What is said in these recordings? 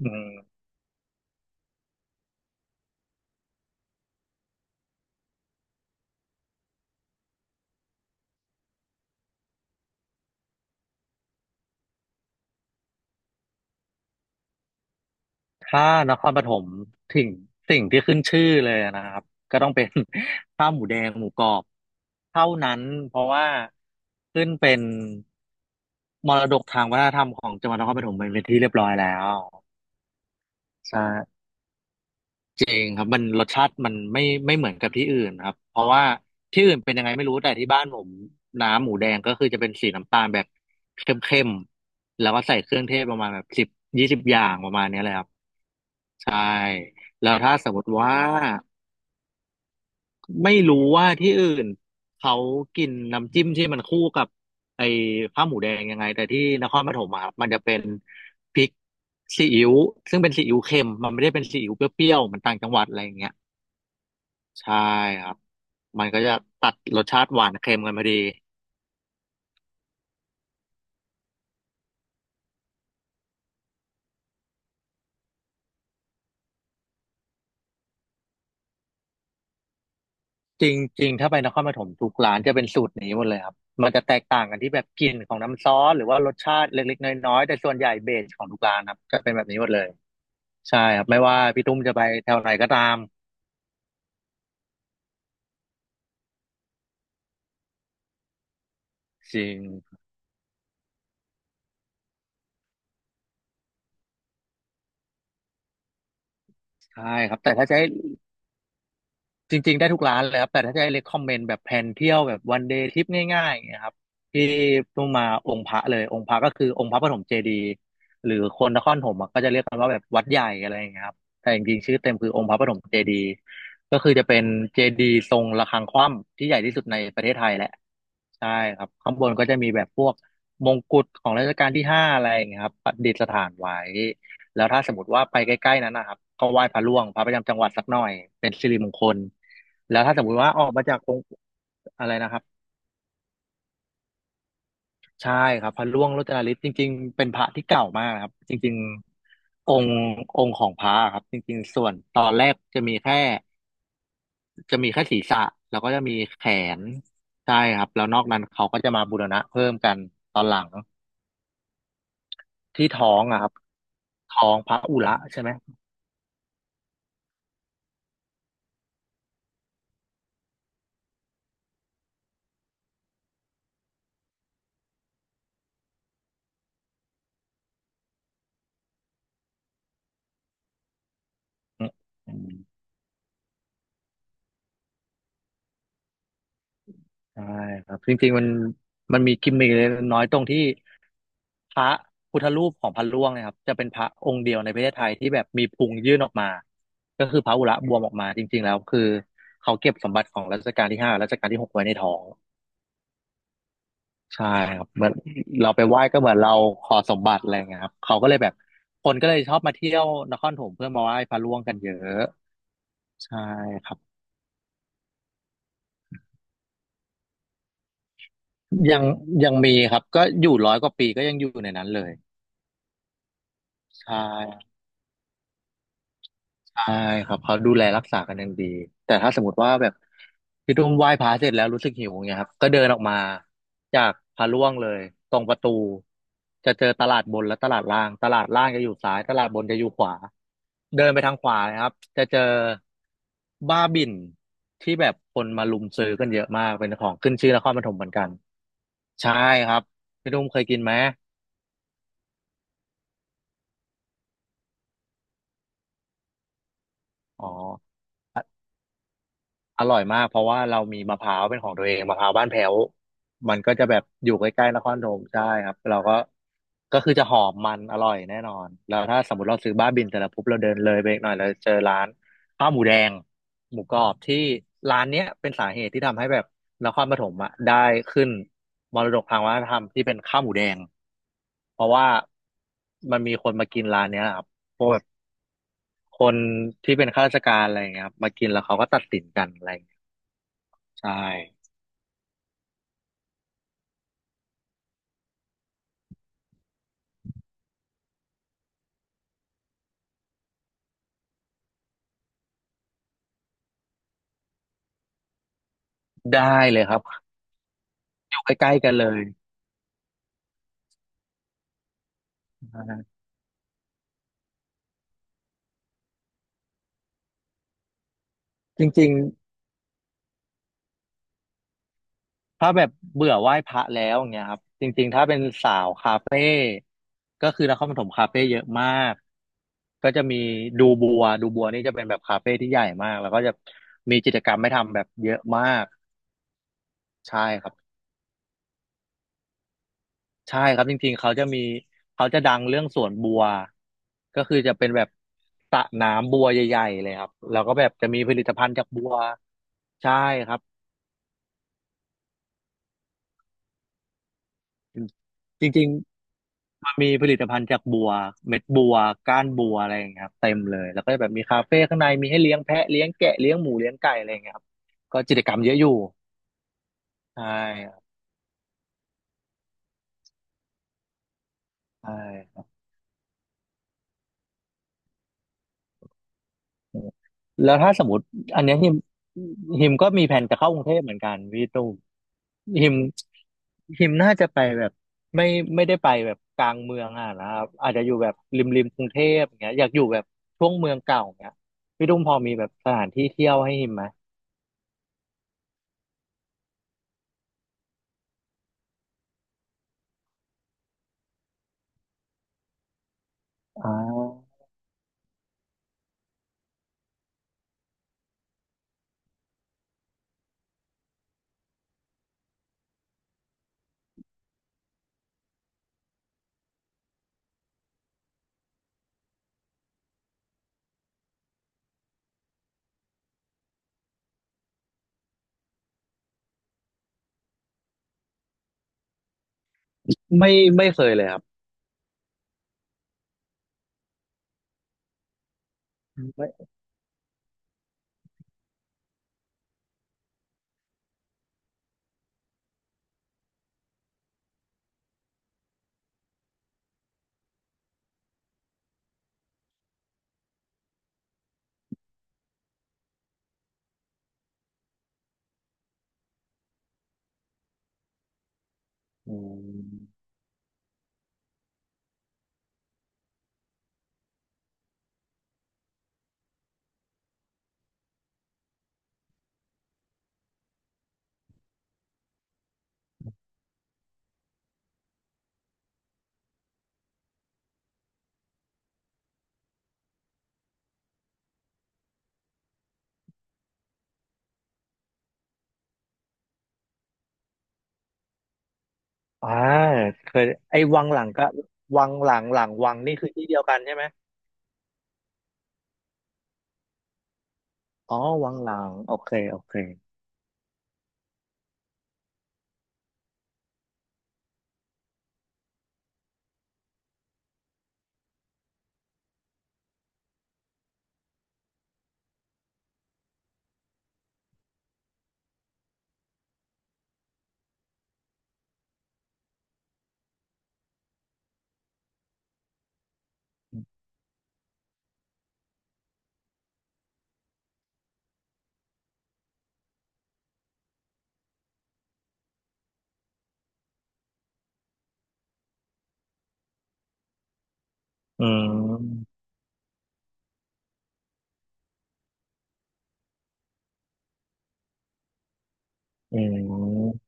อืมถ้านครปฐมถึงสิ่งที่ขึ้นชื่อเลยนะครับก็ต้องเป็น ข้าวหมูแดงหมูกรอบเท่านั้นเพราะว่าขึ้นเป็นมรดกทางวัฒนธรรมของจังหวัดนครปฐมไปเป็นที่เรียบร้อยแล้วใช่จริงครับมันรสชาติมันไม่เหมือนกับที่อื่นครับเพราะว่าที่อื่นเป็นยังไงไม่รู้แต่ที่บ้านผมน้ำหมูแดงก็คือจะเป็นสีน้ำตาลแบบเข้มๆแล้วก็ใส่เครื่องเทศประมาณแบบสิบยี่สิบอย่างประมาณเนี้ยเลยครับ ใช่แล้วถ้าสมมติว่าไม่รู้ว่าที่อื่นเขากินน้ำจิ้มที่มันคู่กับไอ้ข้าวหมูแดงยังไงแต่ที่นครปฐมอะมันจะเป็นพริกซีอิ๊วซึ่งเป็นซีอิ๊วเค็มมันไม่ได้เป็นซีอิ๊วเปรี้ยวๆเหมันต่างจังหวัดอะไรอย่างเงี้ยใช่ครับมันก็จะตัดรสชาติหวานเค็มกันพอดีจริงๆถ้าไปนครปฐมทุกร้านจะเป็นสูตรนี้หมดเลยครับมันจะแตกต่างกันที่แบบกลิ่นของน้ำซอสหรือว่ารสชาติเล็กๆน้อยๆแต่ส่วนใหญ่เบสของทุกร้านครับจะเป็นแบบนี้หมดเลย ใช่ครับไม่ว่าพี่ตุ้มจะไปแถวไหนก็ตามจริงใช่ครับแต่ถ้าจะให้ จริงๆได้ทุกร้านเลยครับแต่ถ้าจะให้ recommend แบบแผนเที่ยวแบบ one day trip ง่ายๆอย่างเงี้ยครับที่ต้องมาองค์พระเลยองค์พระก็คือองค์พระปฐมเจดีย์หรือคนนครปฐมอะก็จะเรียกกันว่าแบบวัดใหญ่อะไรอย่างเงี้ยครับแต่จริงๆชื่อเต็มคือองค์พระปฐมเจดีย์ก็คือจะเป็นเจดีย์ทรงระฆังคว่ำที่ใหญ่ที่สุดในประเทศไทยแหละใช่ครับข้างบนก็จะมีแบบพวกมงกุฎของรัชกาลที่ห้าอะไรอย่างเงี้ยครับประดิษฐานไว้แล้วถ้าสมมติว่าไปใกล้ๆนั้นนะครับก็ไหว้พระร่วงพระประจำจังหวัดสักหน่อยเป็นสิริมงคล แล้วถ้าสมมุติว่าออกมาจากองค์อะไรนะครับใช่ครับพระร่วงโรจนฤทธิ์จริงๆเป็นพระที่เก่ามากนะครับจริงๆองค์ของพระครับจริงๆส่วนตอนแรกจะมีแค่ศีรษะแล้วก็จะมีแขนใช่ครับแล้วนอกนั้นเขาก็จะมาบูรณะเพิ่มกันตอนหลังที่ท้องอะครับท้องพระอุระใช่ไหมอืมอืมใช่ครับจริงๆมันมีกิมมิคเล็กน้อยตรงที่ พระพุทธรูปของพระร่วงเนะครับจะเป็นพระองค์เดียวในประเทศไทยที่แบบมีพุงยื่นออกมาก็คือพระอุระบวมออกมาจริงๆแล้วคือเขาเก็บสมบัติของรัชกาลที่ห้ารัชกาลที่หกไว้ในท้องใช่ครับเหมือนเราไปไหว้ก็เหมือนเราขอสมบัติอะไรเงี้ยครับเขาก็เลยแบบคนก็เลยชอบมาเที่ยวนครปฐมเพื่อมาไหว้พระร่วงกันเยอะใช่ครับยังยังมีครับก็อยู่ร้อยกว่าปีก็ยังอยู่ในนั้นเลยใช่ ใช่ครับเขาดูแลรักษากันอย่างดีแต่ถ้าสมมติว่าแบบพี่ตุ้มไหว้พระเสร็จแล้วรู้สึกหิวอย่างเงี้ยครับก็เดินออกมาจากพระร่วงเลยตรงประตูจะเจอตลาดบนและตลาดล่างตลาดล่างจะอยู่ซ้ายตลาดบนจะอยู่ขวาเดินไปทางขวานะครับจะเจอบ้าบิ่นที่แบบคนมาลุมซื้อกันเยอะมากเป็นของขึ้นชื่อนครปฐมเหมือนกันใช่ครับพี่ตุ้มเคยกินไหมอ๋อ อร่อยมากเพราะว่าเรามีมะพร้าวเป็นของตัวเองมะพร้าวบ้านแพ้วมันก็จะแบบอยู่ใกล้ๆนครธมใช่ครับเราก็คือจะหอมมันอร่อยแน่นอนแล้วถ้าสมมติเราซื้อบ้าบินเสร็จแล้วปุ๊บเราเดินเลยไปอีกหน่อยเราเจอร้านข้าวหมูแดงหมูกรอบที่ร้านเนี้ยเป็นสาเหตุที่ทำให้แบบนครปฐมอ่ะได้ขึ้นมรดกทางวัฒนธรรมที่เป็นข้าวหมูแดงเพราะว่ามันมีคนมากินร้านเนี้ยครับพวกแบบคนที่เป็นข้าราชการอะไรอย่างเงี้ยครับมากินแล้วเขาก็ตัดสินกันอะไร ใช่ได้เลยครับอยู่ใกล้ๆกันเลยจริงๆถ้าแบบเบื่อไหว้พระแล้วอย่างเงี้ยครับจริงๆถ้าเป็นสาวคาเฟ่ก็คือนครปฐมคาเฟ่เยอะมากก็จะมีดูบัวดูบัวนี่จะเป็นแบบคาเฟ่ที่ใหญ่มากแล้วก็จะมีกิจกรรมให้ทำแบบเยอะมากใช่ครับใช่ครับจริงๆเขาจะดังเรื่องสวนบัวก็คือจะเป็นแบบสระน้ำบัวใหญ่ๆเลยครับแล้วก็แบบจะมีผลิตภัณฑ์จากบัวใช่ครับ อืมจริงๆมันมีผลิตภัณฑ์จากบัวเม็ดบัวก้านบัวอะไรอย่างเงี้ยครับเต็มเลยแล้วก็แบบมีคาเฟ่ข้างในมีให้เลี้ยงแพะเลี้ยงแกะเลี้ยงหมูเลี้ยงไก่อะไรอย่างเงี้ยครับก็กิจกรรมเยอะอยู่ใช่ครับใช่ครับแล้วถ้าสมมติอันเนี้ยฮิมก็มีแผนจะเข้ากรุงเทพเหมือนกันพี่ตุ้มฮิมฮิมน่าจะไปแบบไม่ไม่ได้ไปแบบกลางเมืองอ่ะนะครับอาจจะอยู่แบบริมกรุงเทพอย่างเงี้ยอยากอยู่แบบช่วงเมืองเก่าอย่างเงี้ยพี่ตุ้มพอมีแบบสถานที่เที่ยวให้ฮิมไหม อ่าไม่ไม่เคยเลยครับไม่อืมอ่าเคยไอ้วังหลังก็วังหลังหลังวังนี่คือที่เดียวกันใช่ไหมอ๋อวังหลังโอเคโอเคอืมอืม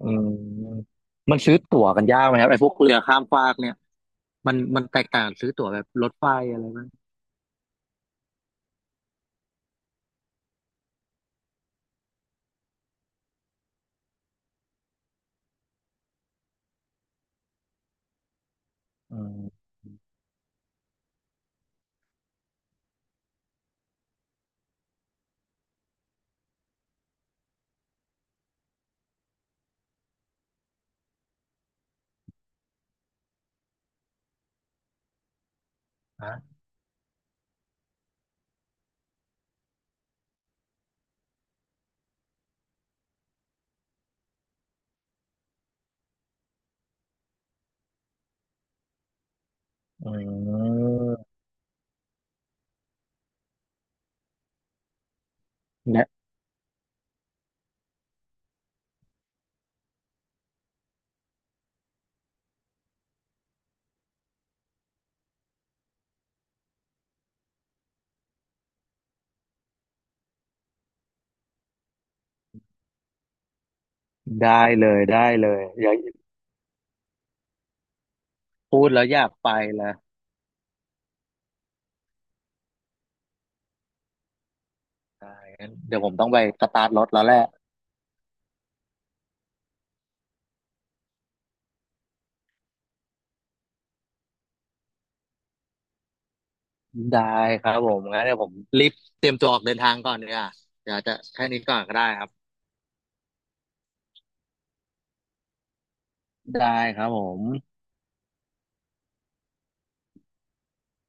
อืมมันซื้อตั๋วกันยากไหมครับไอ้พวกเรือข้ามฟากเนี่ยมันแตกต่างซื้อตั๋วแบบรถไฟอะไรบ้างอืมอะอืมได้ได้เลยได้เลยอย่าพูดแล้วอยากไปเลยได้งั้นเดี๋ยวผมต้องไปสตาร์ทรถแล้วแหละ ได้ครับผมงั้นเดี๋ยวผมรีบเตรียมตัวออกเดินทางก่อนเนี่ยเดี๋ยวจะแค่นี้ก่อนก็ได้ครับได้ครับผม